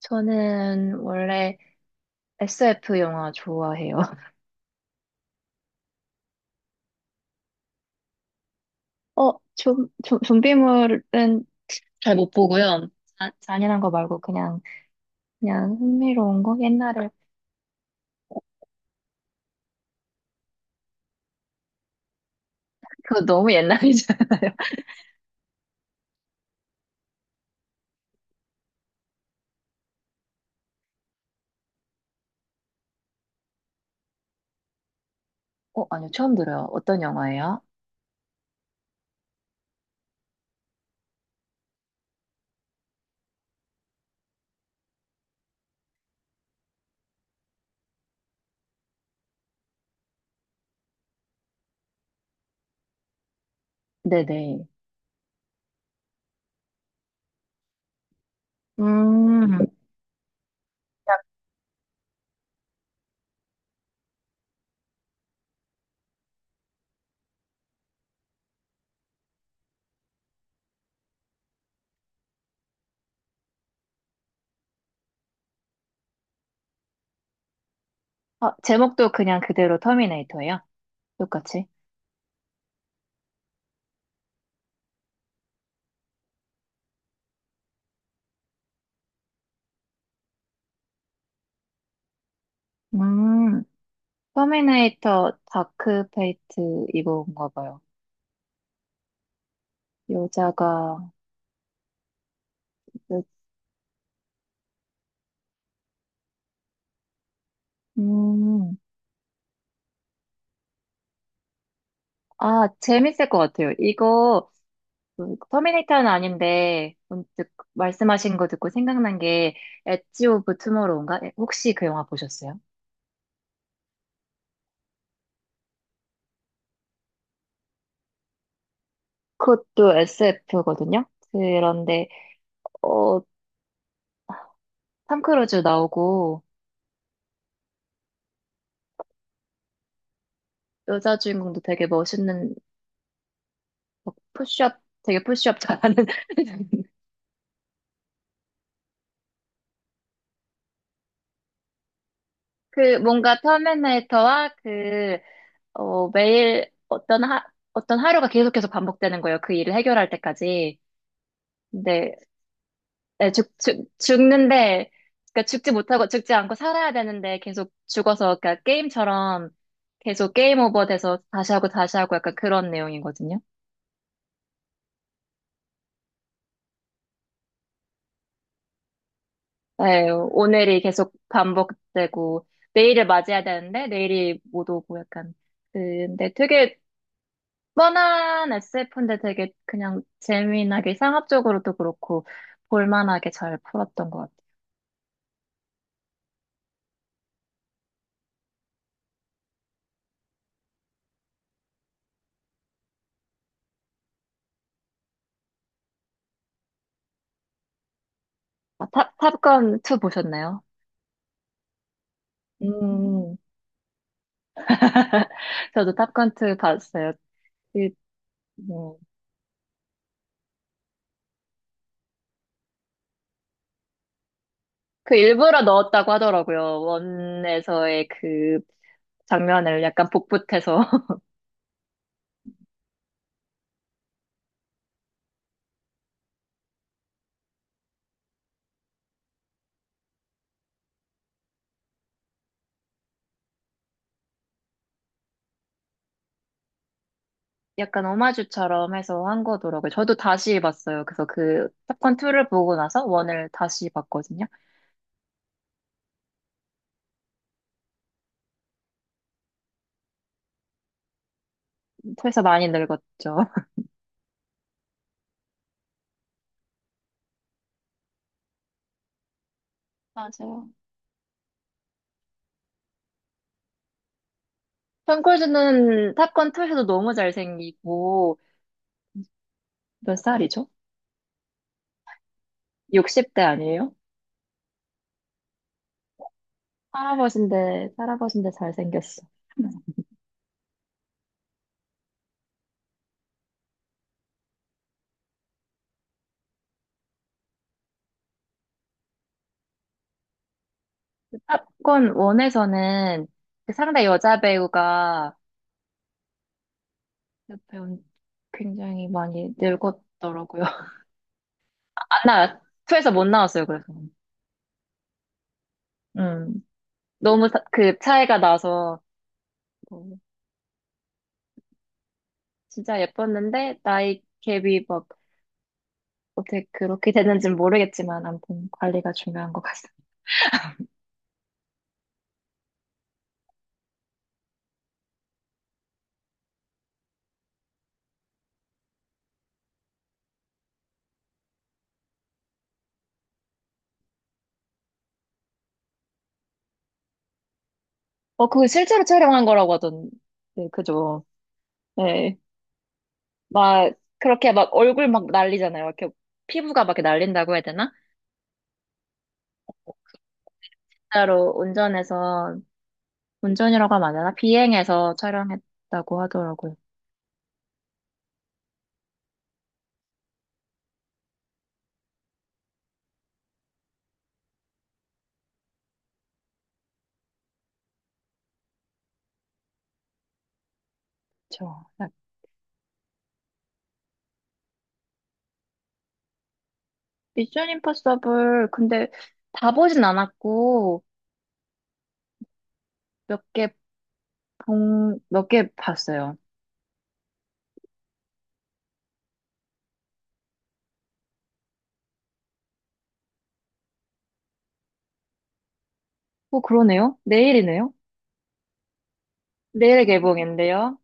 저는 원래 SF 영화 좋아해요. 좀비물은 잘 못 보고요. 잔인한 거 말고 그냥 흥미로운 거? 옛날에. 그거 너무 옛날이잖아요. 아니요. 처음 들어요. 어떤 영화예요? 네네. 음, 제목도 그냥 그대로 터미네이터예요? 똑같이? 음, 터미네이터 다크 페이트 이거인가 봐요. 여자가, 음, 아, 재밌을 것 같아요. 이거, 그 터미네이터는 아닌데 문득 말씀하신 거 듣고 생각난 게 엣지 오브 투모로우인가? 혹시 그 영화 보셨어요? 그것도 SF거든요. 그런데 어, 탐 크루즈 나오고 여자 주인공도 되게 멋있는 푸시업 되게 푸시업 잘하는 그 뭔가 터미네이터와 그 매일 어떤 하루가 계속해서 반복되는 거예요. 그 일을 해결할 때까지. 근데 네, 죽는데, 그러니까 죽지 못하고, 죽지 않고 살아야 되는데 계속 죽어서, 그러니까 게임처럼 계속 게임 오버 돼서 다시 하고 다시 하고 약간 그런 내용이거든요. 네, 오늘이 계속 반복되고, 내일을 맞이해야 되는데 내일이 못 오고 약간. 근데 되게 뻔한 SF인데 되게 그냥 재미나게 상업적으로도 그렇고, 볼만하게 잘 풀었던 것 같아요. 아, 탑건 2 보셨나요? 음, 저도 탑건 2 봤어요. 그 뭐, 그 일부러 넣었다고 하더라고요. 원에서의 그 장면을 약간 복붙해서 약간 오마주처럼 해서 한 거더라고요. 저도 다시 봤어요. 그래서 그 탑건 2를 보고 나서 원을 다시 봤거든요. 2에서 많이 늙었죠. 맞아요. 톰 크루즈는 탑건 2에서도 너무 잘생기고 몇 살이죠? 60대 아니에요? 할아버지인데 할아버지인데 잘생겼어. 탑건 원에서는 상대 여자 배우가 옆에 굉장히 많이 늙었더라고요. 안 나왔, 투에서 못 나왔어요, 그래서. 음, 너무 그 차이가 나서, 뭐, 진짜 예뻤는데, 나이 갭이 막, 어떻게 그렇게 됐는지는 모르겠지만, 아무튼 관리가 중요한 것 같습니다. 그거 실제로 촬영한 거라고 하던데, 그죠? 네. 막, 그렇게 막 얼굴 막 날리잖아요. 이렇게 피부가 막 이렇게 날린다고 해야 되나? 따로 운전해서, 운전이라고 하면 안 되나? 비행해서 촬영했다고 하더라고요. 그렇죠. 미션 임파서블, 근데 다 보진 않았고, 몇 개, 몇 개 봤어요. 그러네요? 내일이네요? 내일 개봉인데요?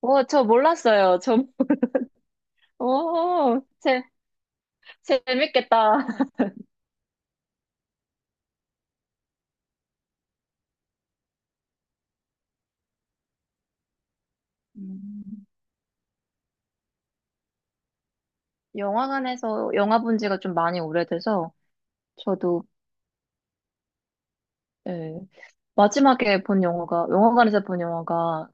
오 저 몰랐어요. 좀, 오, 재밌겠다. 음, 영화관에서 영화 본 지가 좀 많이 오래돼서, 저도, 예, 마지막에 본 영화가, 영화관에서 본 영화가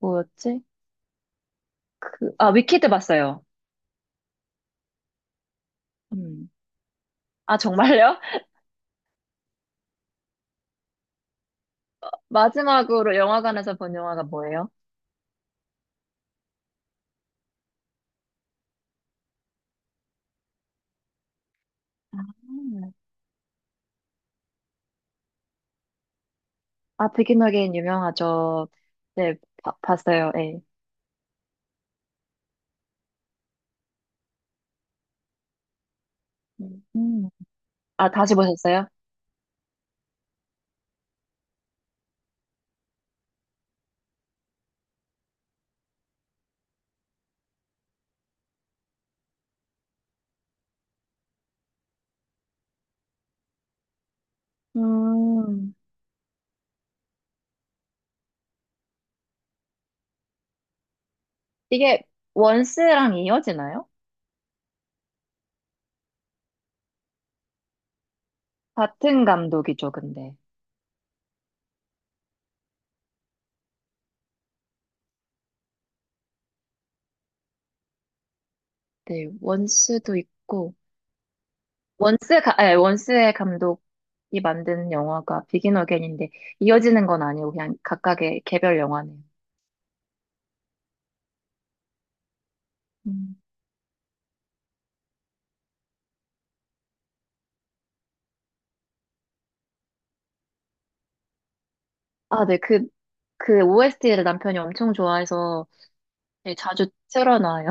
뭐였지? 그, 아, 위키드 봤어요. 음. 아, 정말요? 마지막으로 영화관에서 본 영화가 뭐예요? 아, 비긴 어게인 유명하죠. 네, 봤어요. 예. 음. 아, 다시 보셨어요? 음. 이게 원스랑 이어지나요? 같은 감독이죠, 근데. 네, 원스도 있고 원스 가, 아니, 원스의 감독이 만든 영화가 비긴 어게인인데 이어지는 건 아니고 그냥 각각의 개별 영화네요. 음. 아, 네. OST를 남편이 엄청 좋아해서 네, 자주 틀어놔요.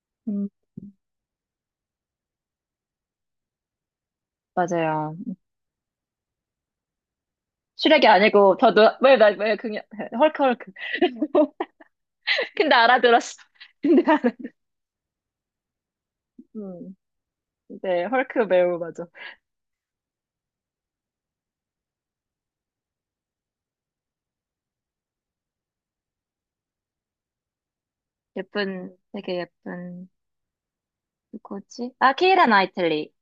음, 맞아요. 슈렉이 아니고 더 노, 왜, 나, 왜, 그냥, 헐크, 헐크. 근데 알아들었어. 근데 알아. 음, 네, 헐크 매우 맞아. 예쁜, 되게 예쁜, 누구지? 아, 키이라 나이틀리.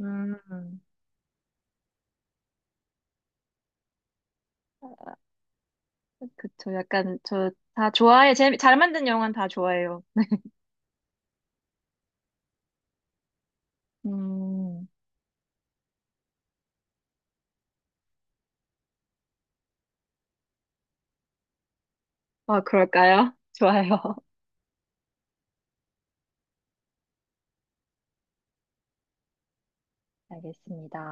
음, 그쵸. 약간, 저, 다 좋아해. 잘 만든 영화는 다 좋아해요. 음, 아, 그럴까요? 좋아요. 알겠습니다.